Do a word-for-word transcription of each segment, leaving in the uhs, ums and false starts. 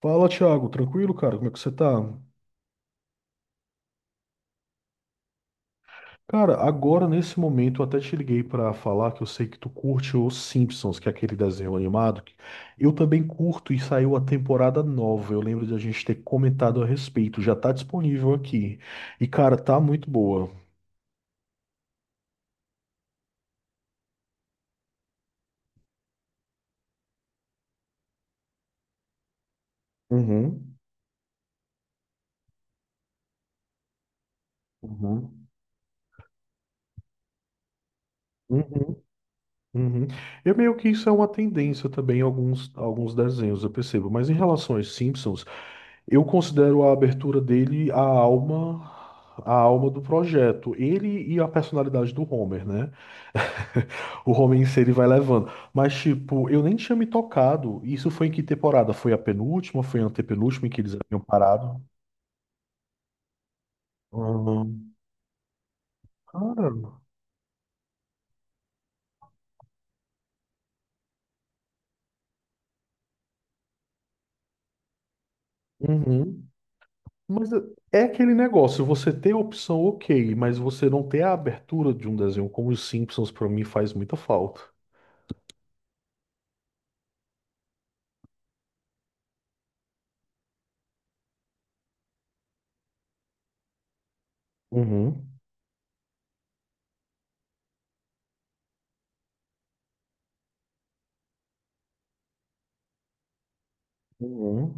Fala, Thiago, tranquilo, cara? Como é que você tá? Cara, agora nesse momento eu até te liguei pra falar que eu sei que tu curte os Simpsons, que é aquele desenho animado, que eu também curto e saiu a temporada nova. Eu lembro de a gente ter comentado a respeito. Já tá disponível aqui. E, cara, tá muito boa. Uhum. Uhum. Uhum. Uhum. Eu meio que isso é uma tendência também em alguns, alguns desenhos, eu percebo. Mas em relação aos Simpsons, eu considero a abertura dele a alma, a alma do projeto. Ele e a personalidade do Homer, né? O Homer em si ele vai levando. Mas, tipo, eu nem tinha me tocado. Isso foi em que temporada? Foi a penúltima? Foi a antepenúltima em que eles haviam parado? Hum. Cara. Uhum. Mas é aquele negócio, você ter a opção, ok, mas você não ter a abertura de um desenho como os Simpsons, pra mim, faz muita falta. Uhum. Uhum.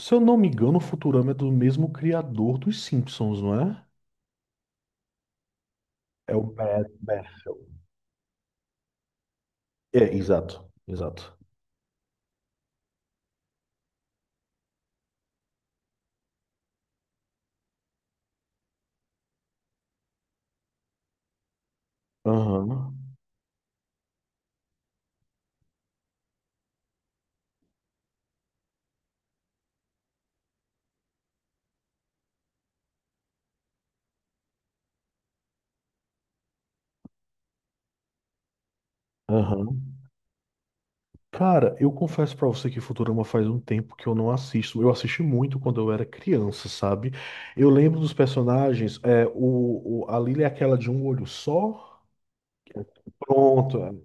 Se eu não me engano, o Futurama é do mesmo criador dos Simpsons, não é? É o Matt Bethel. É, exato, exato. Aham. Aham. Cara, eu confesso pra você que Futurama faz um tempo que eu não assisto. Eu assisti muito quando eu era criança, sabe? Eu lembro dos personagens. É, o, o- a Lily é aquela de um olho só. Pronto.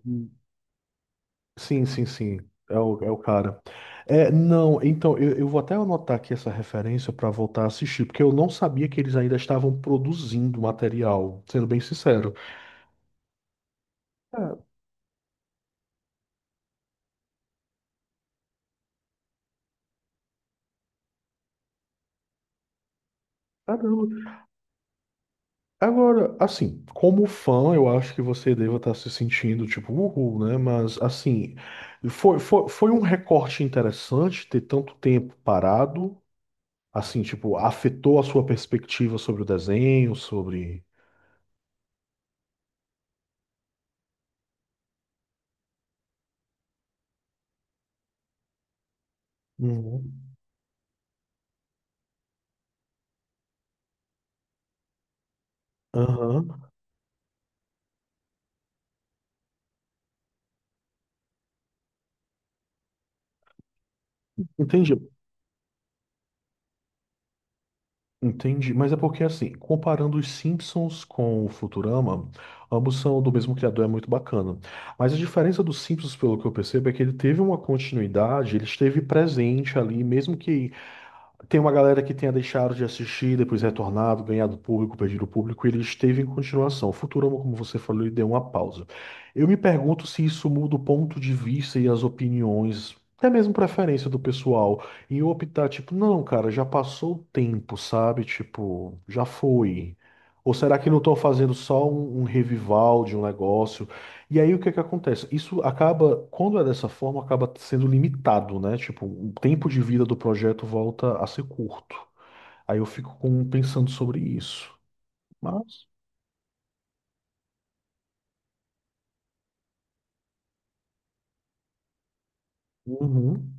Sim, sim, sim. É o, é o cara. É, não, então, eu, eu vou até anotar aqui essa referência para voltar a assistir, porque eu não sabia que eles ainda estavam produzindo material, sendo bem sincero. Ah, caramba. Agora, assim, como fã, eu acho que você deva estar se sentindo tipo, uhul, né? Mas, assim, foi, foi, foi um recorte interessante ter tanto tempo parado, assim, tipo, afetou a sua perspectiva sobre o desenho, sobre. Uhum. Aham. Entendi. Entendi, mas é porque assim, comparando os Simpsons com o Futurama, ambos são do mesmo criador, é muito bacana. Mas a diferença dos Simpsons, pelo que eu percebo, é que ele teve uma continuidade, ele esteve presente ali, mesmo que tem uma galera que tenha deixado de assistir, depois retornado, ganhado público, perdido público, e ele esteve em continuação. O Futurama, como você falou, ele deu uma pausa. Eu me pergunto se isso muda o ponto de vista e as opiniões, até mesmo preferência do pessoal, em optar, tipo, não, cara, já passou o tempo, sabe? Tipo, já foi. Ou será que não estão fazendo só um, um revival de um negócio? E aí o que é que acontece? Isso acaba, quando é dessa forma, acaba sendo limitado, né? Tipo, o tempo de vida do projeto volta a ser curto. Aí eu fico com- pensando sobre isso. Mas. Uhum.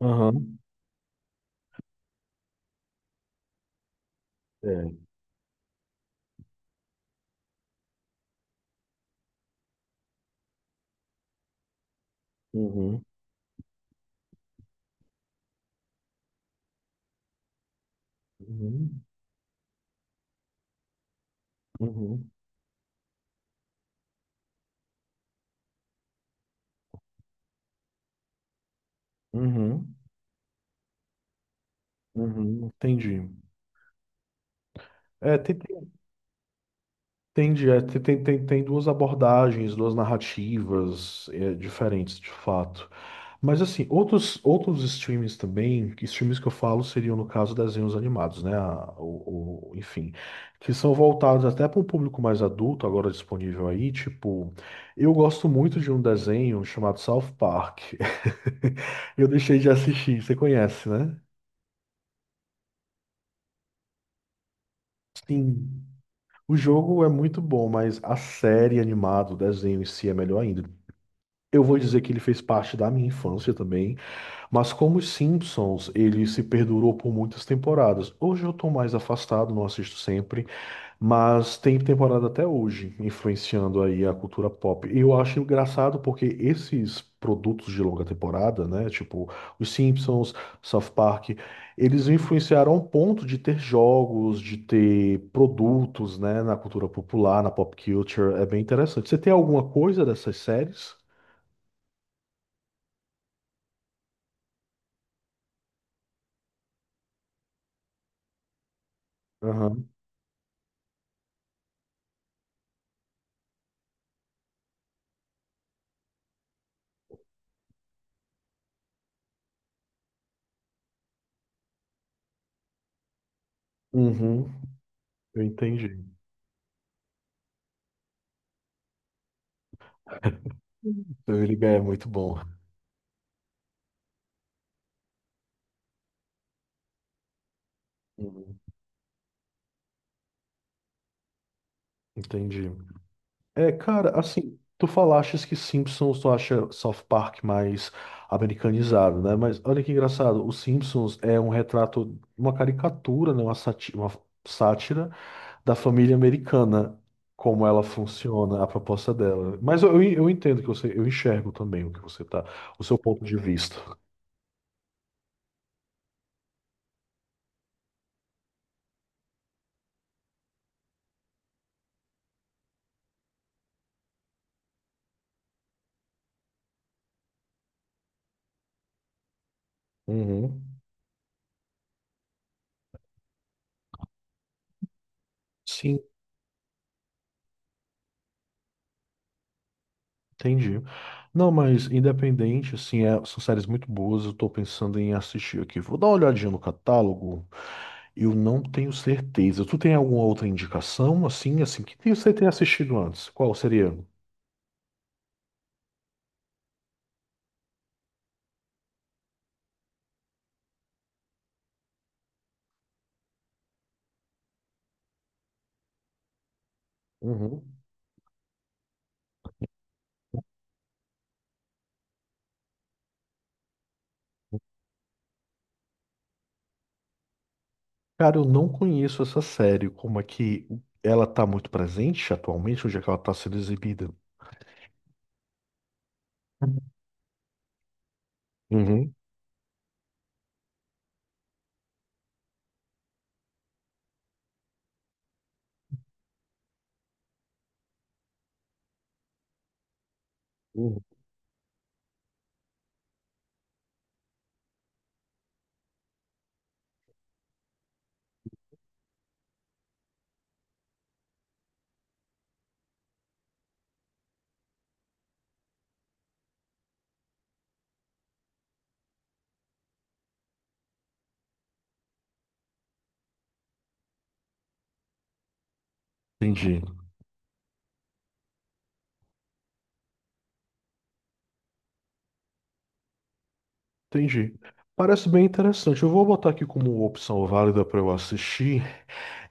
Aham. É. Uhum. Uhum. Uhum. Uhum. Uhum. Entendi. É. tem, tem, entendi, É, tem, tem, tem tem duas abordagens, duas narrativas, é, diferentes, de fato. Mas assim, outros, outros streams também, que streams que eu falo seriam no caso desenhos animados, né? A- O, o- enfim, que são voltados até para um público mais adulto, agora disponível aí. Tipo, eu gosto muito de um desenho chamado South Park. Eu deixei de assistir, você conhece, né? Sim. O jogo é muito bom, mas a série animada, o desenho em si é melhor ainda. Eu vou dizer que ele fez parte da minha infância também. Mas como os Simpsons, ele se perdurou por muitas temporadas. Hoje eu tô mais afastado, não assisto sempre, mas tem temporada até hoje, influenciando aí a cultura pop. E eu acho engraçado porque esses produtos de longa temporada, né, tipo os Simpsons, South Park, eles influenciaram ao ponto de ter jogos, de ter produtos, né, na cultura popular, na pop culture. É bem interessante. Você tem alguma coisa dessas séries? Aham. Uhum. Eu entendi. Family é muito bom. Uhum. Entendi. É, cara, assim, tu falaste que Simpsons tu acha South Park mais americanizado, né? Mas olha que engraçado, o Simpsons é um retrato, uma caricatura, né? Uma sati- uma sátira da família americana, como ela funciona, a proposta dela. Mas eu, eu entendo que você, eu enxergo também o que você tá, o seu ponto de vista. Uhum. Sim. Entendi. Não, mas independente, assim, é- são séries muito boas. Eu tô pensando em assistir aqui. Vou dar uma olhadinha no catálogo. Eu não tenho certeza. Tu tem alguma outra indicação, assim, assim, que você tenha assistido antes? Qual seria? Uhum. Cara, eu não conheço essa série. Como é que ela tá muito presente atualmente? Onde é que ela tá sendo exibida? Uhum. Uhum. Entendi. Entendi. Parece bem interessante. Eu vou botar aqui como opção válida para eu assistir.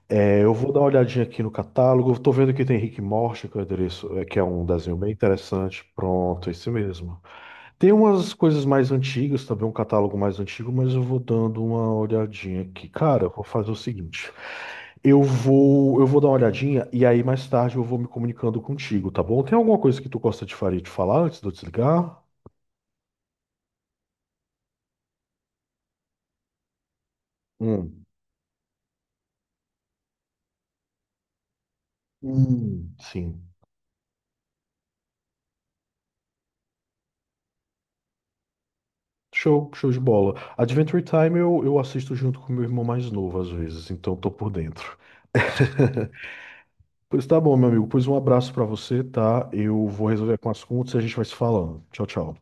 É, eu vou dar uma olhadinha aqui no catálogo. Estou vendo que tem Rick e Morty, que é o endereço- é, que é um desenho bem interessante. Pronto, é esse mesmo. Tem umas coisas mais antigas, também um catálogo mais antigo, mas eu vou dando uma olhadinha aqui. Cara, eu vou fazer o seguinte. Eu vou, eu vou dar uma olhadinha e aí mais tarde eu vou me comunicando contigo, tá bom? Tem alguma coisa que tu gosta de faria de falar antes de eu desligar? Hum. Hum, sim. Show, show de bola. Adventure Time eu, eu assisto junto com meu irmão mais novo às vezes, então tô por dentro. Pois tá bom, meu amigo. Pois um abraço pra você, tá? Eu vou resolver com as contas e a gente vai se falando. Tchau, tchau.